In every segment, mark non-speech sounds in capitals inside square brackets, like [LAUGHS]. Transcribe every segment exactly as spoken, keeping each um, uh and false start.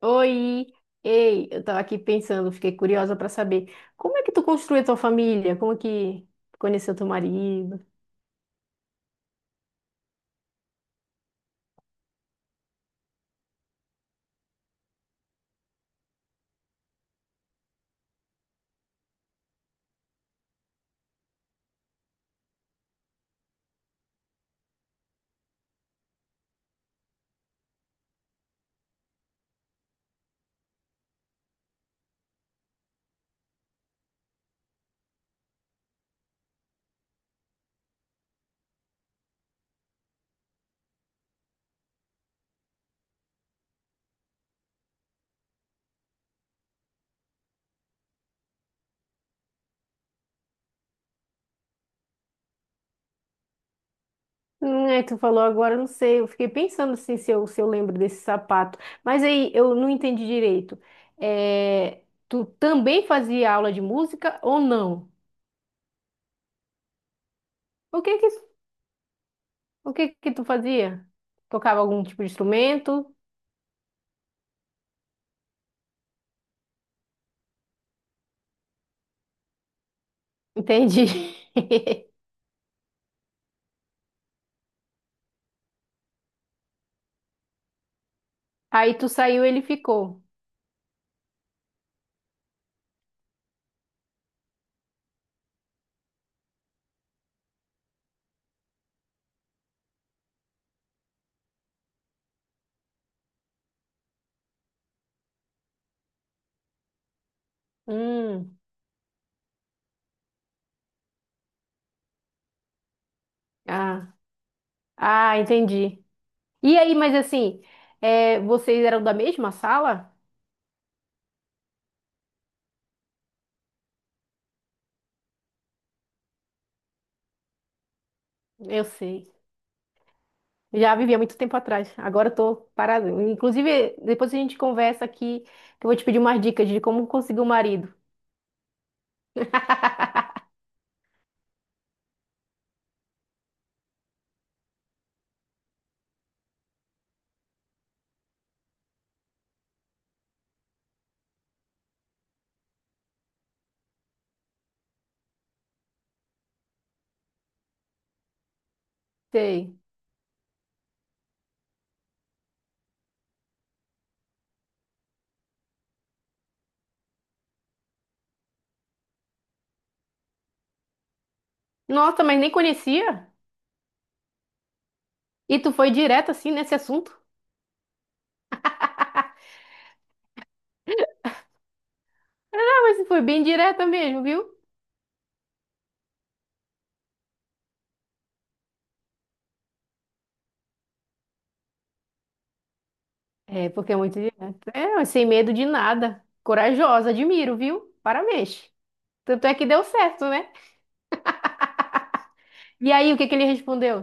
Oi, ei, eu tava aqui pensando, fiquei curiosa para saber como é que tu construiu a tua família, como é que tu conheceu teu marido? Hum, é, tu falou agora, eu não sei, eu fiquei pensando assim se eu, se eu lembro desse sapato, mas aí eu não entendi direito. É, tu também fazia aula de música ou não? O que que, o que que tu fazia? Tocava algum tipo de instrumento? Entendi. [LAUGHS] Aí tu saiu, ele ficou. Hum, ah, ah, entendi. E aí, mas assim, é, vocês eram da mesma sala? Eu sei. Já vivi há muito tempo atrás. Agora eu tô parada. Inclusive, depois a gente conversa aqui, que eu vou te pedir umas dicas de como conseguir um marido. Sei. Nossa, mas nem conhecia? E tu foi direto assim nesse assunto? Ah, mas foi bem direta mesmo, viu? É, porque é muito direta. É, mas sem medo de nada. Corajosa, admiro, viu? Parabéns. Tanto é que deu certo, né? E aí, o que que ele respondeu?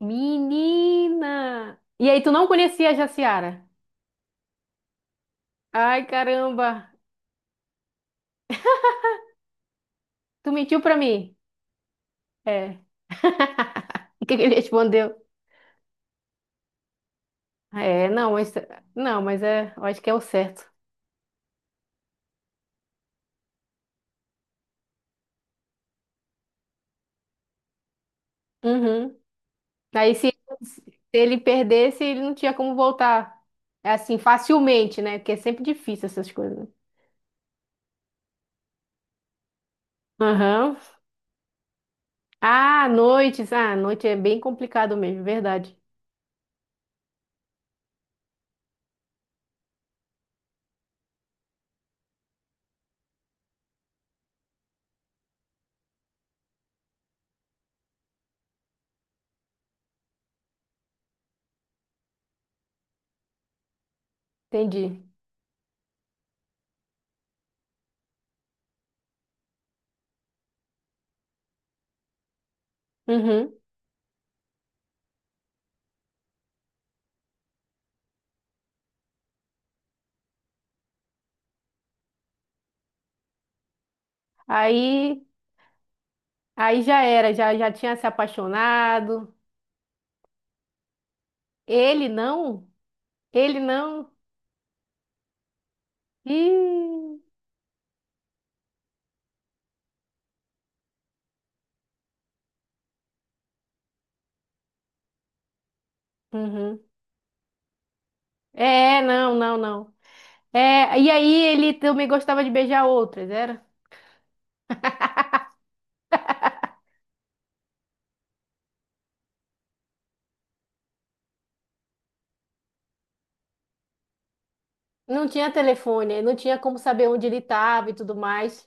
Menina! E aí, tu não conhecia a Jaciara? Ai, caramba! Tu mentiu pra mim? É. [LAUGHS] O que que ele respondeu? É, não, mas, não, mas é, eu acho que é o certo. Uhum. Aí, se, se ele perdesse, ele não tinha como voltar. É assim, facilmente, né? Porque é sempre difícil essas coisas. Aham. Ah, noites. Ah, noite é bem complicado mesmo, verdade. Entendi. Uhum. Aí, aí já era, já, já tinha se apaixonado. Ele não? Ele não? Ih, uhum. É, não, não, não. É, e aí ele também gostava de beijar outras, era? Não tinha telefone, não tinha como saber onde ele estava e tudo mais.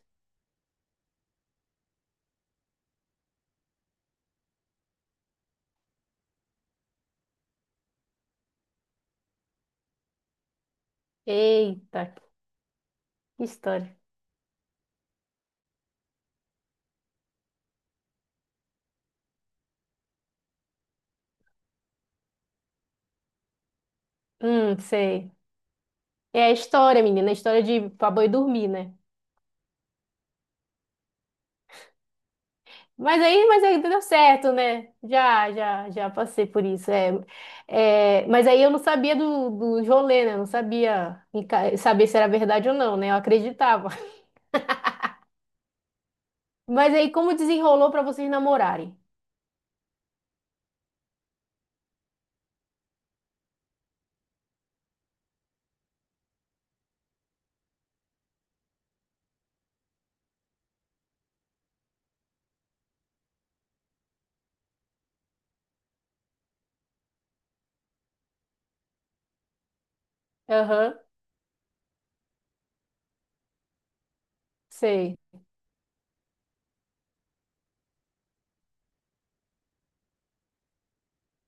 Eita, que história. Hum, sei. É a história, menina, a história de pra boi dormir, né? Mas aí, mas aí deu certo, né? Já, já, já passei por isso. É, é, mas aí eu não sabia do, do rolê, né? Eu não sabia em ca- saber se era verdade ou não, né? Eu acreditava. [LAUGHS] Mas aí, como desenrolou para vocês namorarem? Aham, sei.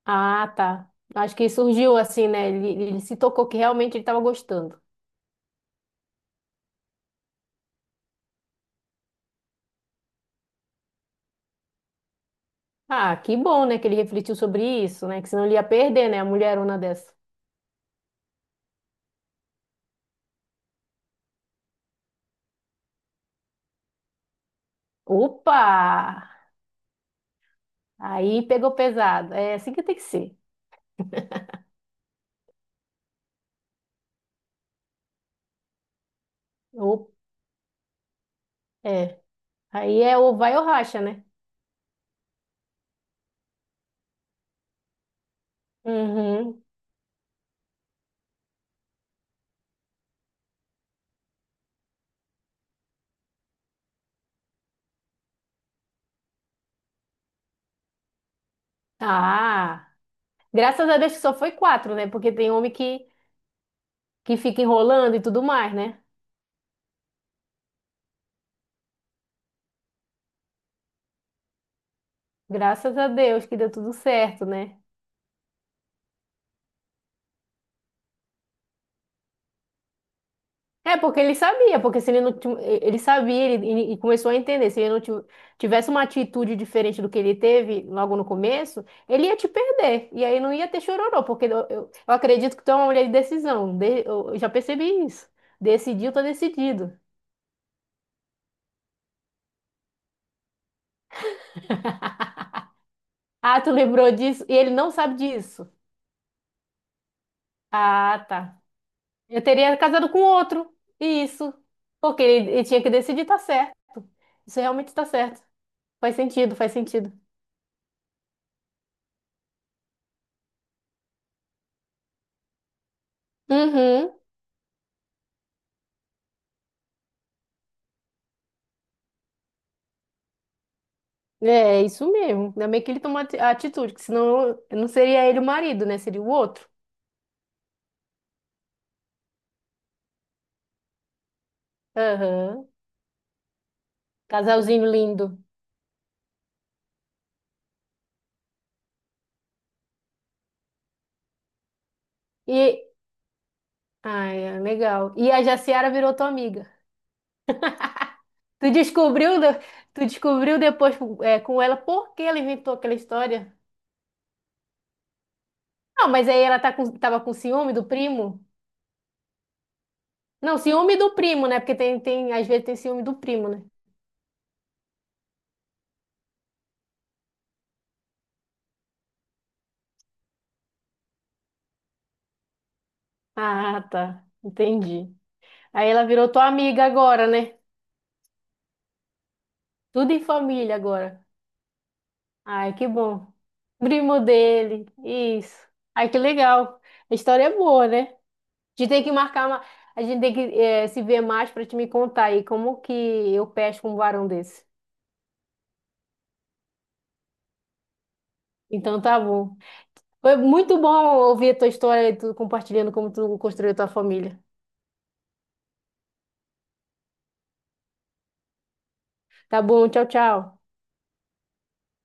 Ah, tá. Acho que surgiu assim, né? Ele, ele se tocou que realmente ele estava gostando. Ah, que bom, né? Que ele refletiu sobre isso, né? Que senão ele ia perder, né? A mulherona dessa. Opa! Aí pegou pesado. É assim que tem que ser. Opa. Aí é ou vai ou racha, né? Uhum. Ah, graças a Deus que só foi quatro, né? Porque tem homem que, que fica enrolando e tudo mais, né? Graças a Deus que deu tudo certo, né? É, porque ele sabia, porque se ele não, ti- ele sabia, ele, ele- começou a entender, se ele não ti- tivesse uma atitude diferente do que ele teve logo no começo, ele ia te perder, e aí não ia ter chororô, porque eu, eu, eu acredito que tu é uma mulher de decisão, de- eu eu já percebi isso, decidiu, tô decidido. Ah, tu lembrou disso? E ele não sabe disso. Ah, tá. Eu teria casado com outro. Isso. Porque ele, ele tinha que decidir, tá certo. Isso realmente tá certo. Faz sentido, faz sentido. Uhum. É, é isso mesmo. Ainda bem que ele tomou ati- a atitude, que senão não seria ele o marido, né? Seria o outro. Aham. Casalzinho lindo. E. Ai, é legal. E a Jaciara virou tua amiga. Tu descobriu, de- tu descobriu depois, é, com ela por que ela inventou aquela história? Não, mas aí ela tá com, tava com ciúme do primo? Não, ciúme do primo, né? Porque tem, tem, às vezes tem ciúme do primo, né? Ah, tá. Entendi. Aí ela virou tua amiga agora, né? Tudo em família agora. Ai, que bom. Primo dele. Isso. Ai, que legal. A história é boa, né? A gente tem que marcar uma. A gente tem que eh, se ver mais pra te me contar aí como que eu pesco um varão desse. Então tá bom. Foi muito bom ouvir a tua história e tu compartilhando como tu construiu a tua família. Tá bom, tchau, tchau.